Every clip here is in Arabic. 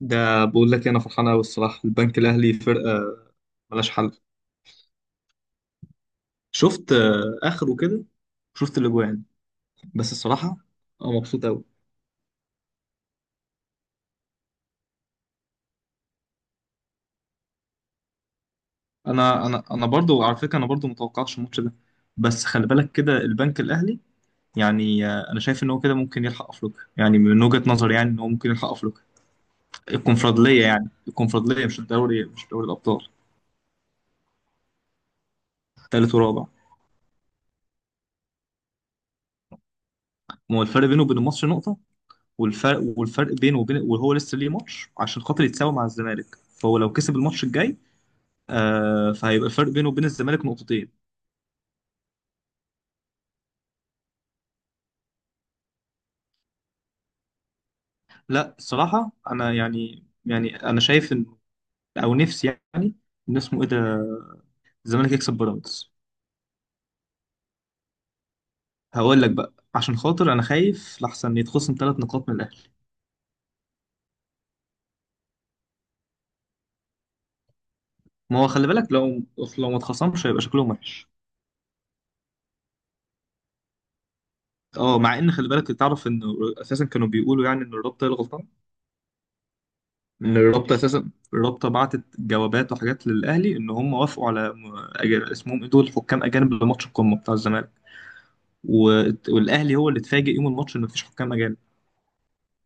ده بقول لك إيه، انا فرحان قوي الصراحه. البنك الاهلي فرقه ملهاش حل. شفت آه، اخره كده. شفت الاجوان. بس الصراحه انا مبسوط قوي. انا برضو على فكره انا برضو متوقعتش الماتش ده. بس خلي بالك كده البنك الاهلي يعني انا شايف ان هو كده ممكن يلحق افريقيا، يعني من وجهه نظري يعني ان هو ممكن يلحق افريقيا. الكونفدراليه، يعني الكونفدراليه، مش الدوري، مش دوري الابطال. ثالث ورابع. ما هو الفرق بينه وبين الماتش نقطه. والفرق بينه وبين، وهو لسه ليه ماتش عشان خاطر يتساوي مع الزمالك، فهو لو كسب الماتش الجاي آه فهيبقى الفرق بينه وبين الزمالك نقطتين. لا الصراحة انا يعني انا شايف ان او نفسي يعني ان اسمه ايه ده الزمالك يكسب بيراميدز. هقول لك بقى عشان خاطر انا خايف لحسن يتخصم ثلاث نقاط من الاهلي. ما هو خلي بالك، لو ما اتخصمش هيبقى شكلهم وحش. اه، مع ان خلي بالك تعرف ان اساسا كانوا بيقولوا يعني ان الرابطه هي الغلطان. ان الرابطه اساسا، الرابطه بعتت جوابات وحاجات للاهلي ان هم وافقوا على اسمهم ايه دول، حكام اجانب لماتش القمه بتاع الزمالك. والاهلي هو اللي اتفاجئ يوم الماتش ان مفيش حكام اجانب.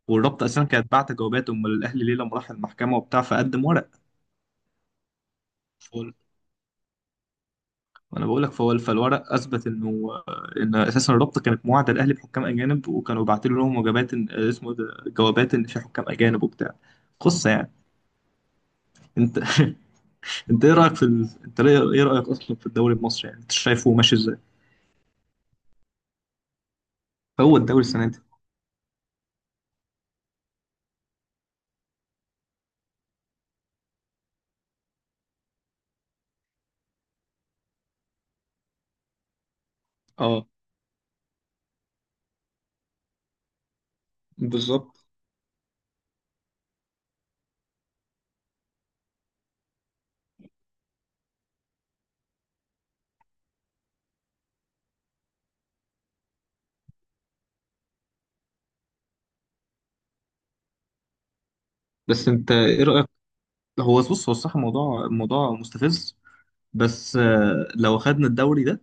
والرابطه اساسا كانت بعت جوابات، امال الاهلي ليه لما راح المحكمه وبتاع فقدم ورق. فقول- وانا بقول لك فهو فالورق اثبت انه ان اساسا الرابطه كانت موعده الاهلي بحكام اجانب وكانوا باعتين لهم وجبات، اسمه إيه ده، جوابات ان في حكام اجانب وبتاع. قصه يعني. انت انت ايه رايك في ايه رايك اصلا في الدوري المصري؟ يعني انت شايفه ماشي ازاي؟ هو الدوري السنه دي. اه بالظبط. بس انت ايه رايك؟ هو بص هو الصراحه موضوع مستفز، بس آه، لو خدنا الدوري ده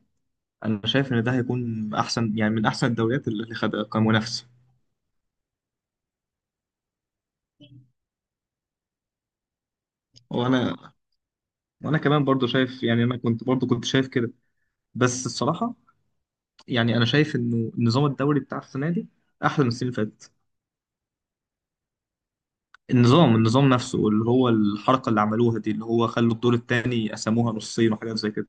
انا شايف ان ده هيكون احسن، يعني من احسن الدوريات اللي خدها كمنافسه. وانا وانا كمان برضو شايف، يعني انا كنت برضو كنت شايف كده. بس الصراحه يعني انا شايف انه نظام الدوري بتاع السنه دي احلى من السنين اللي فاتت. النظام نفسه، اللي هو الحركة اللي عملوها دي، اللي هو خلوا الدور التاني قسموها نصين وحاجات زي كده.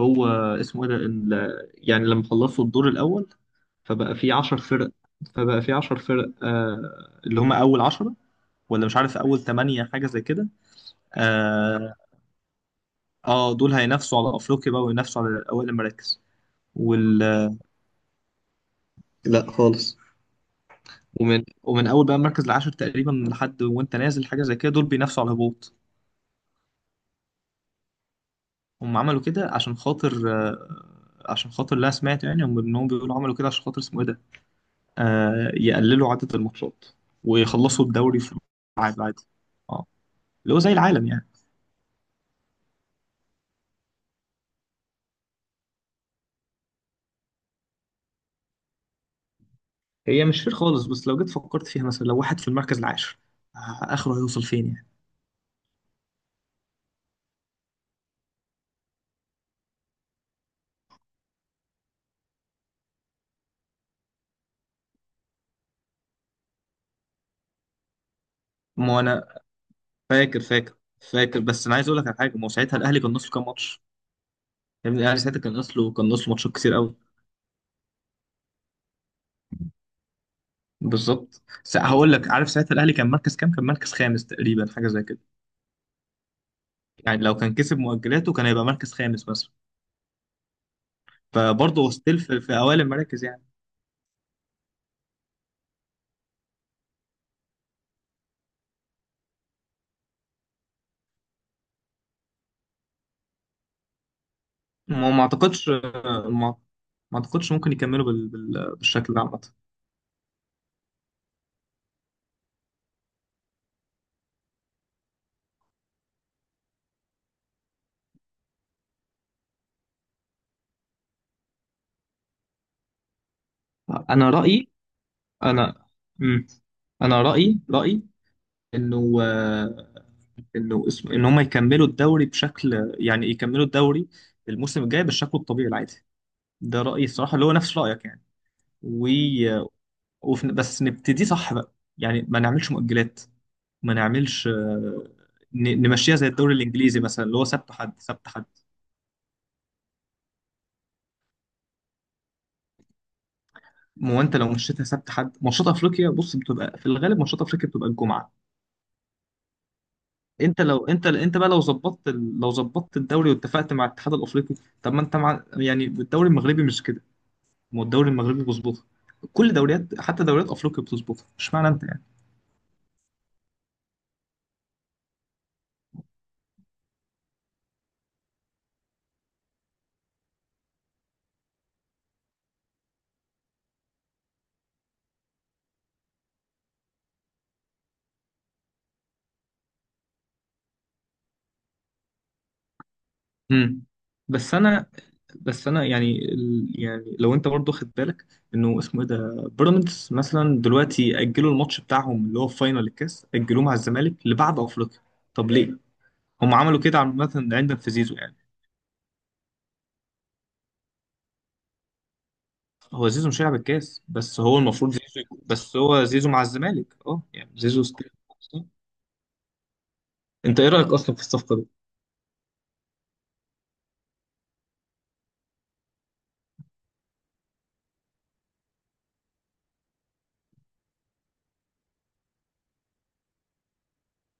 هو اسمه ايه ده يعني لما خلصوا الدور الأول فبقى في عشر فرق. فبقى في عشر فرق آه، اللي هم أول عشرة، ولا مش عارف أول تمانية، حاجة زي كده. آه، آه دول هينافسوا على أفريقيا بقى، وينافسوا على أول المراكز. وال لا خالص. ومن أول بقى المركز العاشر تقريبا لحد وأنت نازل، حاجة زي كده، دول بينافسوا على الهبوط. هم عملوا كده عشان خاطر آه، عشان خاطر اللي انا سمعته يعني، هم انهم بيقولوا عملوا كده عشان خاطر اسمه ايه ده، آه يقللوا عدد الماتشات ويخلصوا الدوري في ميعاد عادي. اه، اللي هو زي العالم يعني. هي مش فير خالص، بس لو جيت فكرت فيها مثلا لو واحد في المركز العاشر، آه اخره هيوصل فين يعني؟ ما هو انا فاكر. فاكر. بس انا عايز اقول لك على حاجه، ما هو ساعتها الاهلي كان ناقص له كام ماتش. يا ابني الاهلي ساعتها كان ناقص له، كان ناقص له ماتشات كتير قوي. بالظبط، هقول لك، عارف ساعتها الاهلي كان مركز كام؟ كان مركز خامس تقريبا، حاجه زي كده. يعني لو كان كسب مؤجلاته كان هيبقى مركز خامس مثلا. فبرضه ستيل في، في اوائل المراكز يعني. ما ما اعتقدش ممكن يكملوا بالشكل ده عامه. انا رايي، انا مم. انا رايي انه آه، انه اسم، ان هم يكملوا الدوري بشكل، يعني يكملوا الدوري الموسم الجاي بالشكل الطبيعي العادي. ده رأيي الصراحة اللي هو نفس رأيك يعني. و... بس نبتدي صح بقى، يعني ما نعملش مؤجلات، ما نعملش آه، نمشيها زي الدوري الانجليزي مثلا، اللي هو سبت حد سبت حد. ما هو انت لو مشيتها سبت حد، ماتشات افريقيا بص بتبقى في الغالب، ماتشات افريقيا بتبقى الجمعه. انت لو انت بقى لو ظبطت لو ظبطت الدوري واتفقت مع الاتحاد الافريقي. طب ما انت مع يعني الدوري المغربي مش كده؟ ما هو الدوري المغربي بيظبطها. كل دوريات، حتى دوريات افريقيا بتظبطها، مش معنى انت. مم. بس انا، بس انا يعني يعني لو انت برضو خد بالك انه اسمه ايه ده، بيراميدز مثلا دلوقتي اجلوا الماتش بتاعهم اللي هو في فاينل الكاس، اجلوه مع الزمالك لبعد افريقيا. طب ليه هم عملوا كده؟ عامه عندنا في زيزو يعني. هو زيزو مش هيلعب الكاس، بس هو المفروض زيزو بس هو زيزو مع الزمالك اه، يعني زيزو ستيل. انت ايه رايك اصلا في الصفقه دي؟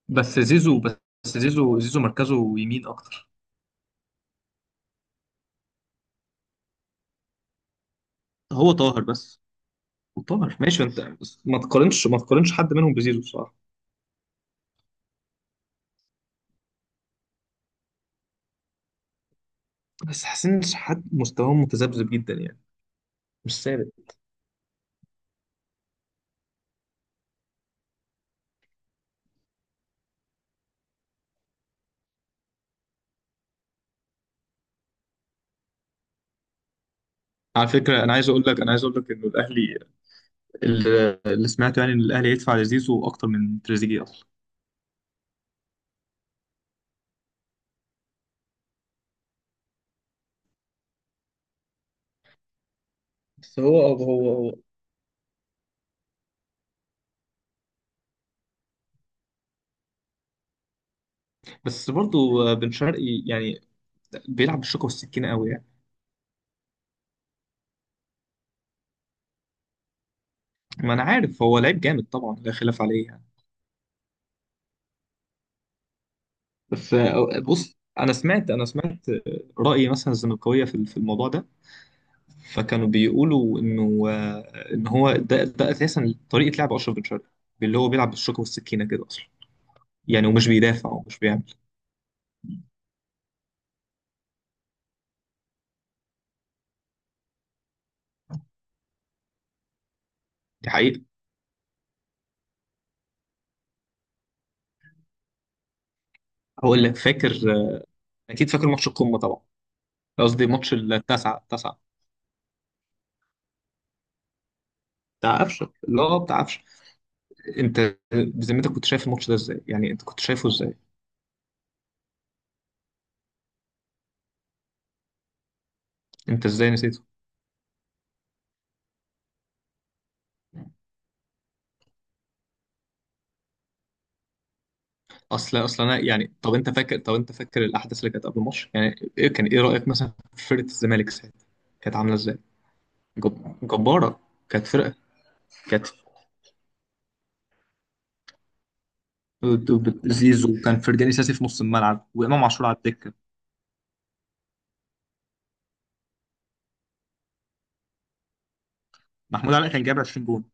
بس زيزو، بس زيزو، زيزو مركزه يمين اكتر. هو طاهر بس. طبعا ماشي انت، ما تقارنش، ما تقارنش حد منهم بزيزو بصراحه. بس حسين شحات مستواه متذبذب جدا يعني، مش ثابت. على فكره انا عايز اقول لك، انا عايز اقول لك انه الاهلي، اللي سمعته يعني ان الاهلي هيدفع لزيزو اكتر من تريزيجيه اصلا. بس هو بس برضو بن شرقي يعني بيلعب بالشوكه والسكينه قوي يعني. ما انا عارف، هو لعيب جامد طبعا لا خلاف عليه يعني. بس بص انا سمعت، انا سمعت راي مثلا الزملكاويه في في الموضوع ده، فكانوا بيقولوا انه آه، ان هو ده اساسا طريقه لعب اشرف بن شرقي، اللي هو بيلعب بالشوكه والسكينه كده اصلا، يعني ومش بيدافع ومش بيعمل. دي حقيقه. هقول لك فاكر آه، اكيد فاكر ماتش القمه طبعا، قصدي ماتش التاسعه التاسعه بتاع قفشه، اللي هو بتاع قفشه. انت بذمتك كنت شايف الماتش ده ازاي يعني؟ انت كنت شايفه ازاي؟ انت ازاي نسيته؟ اصل انا يعني، طب انت فاكر، طب انت فاكر الاحداث اللي كانت قبل الماتش؟ يعني ايه كان ايه رايك مثلا في فرقه الزمالك ساعتها، كانت عامله ازاي؟ جباره، كانت فرقه، كانت. زيزو كان، فرجاني ساسي في نص الملعب، وامام عاشور على الدكه. محمود علي كان جايب 20 جون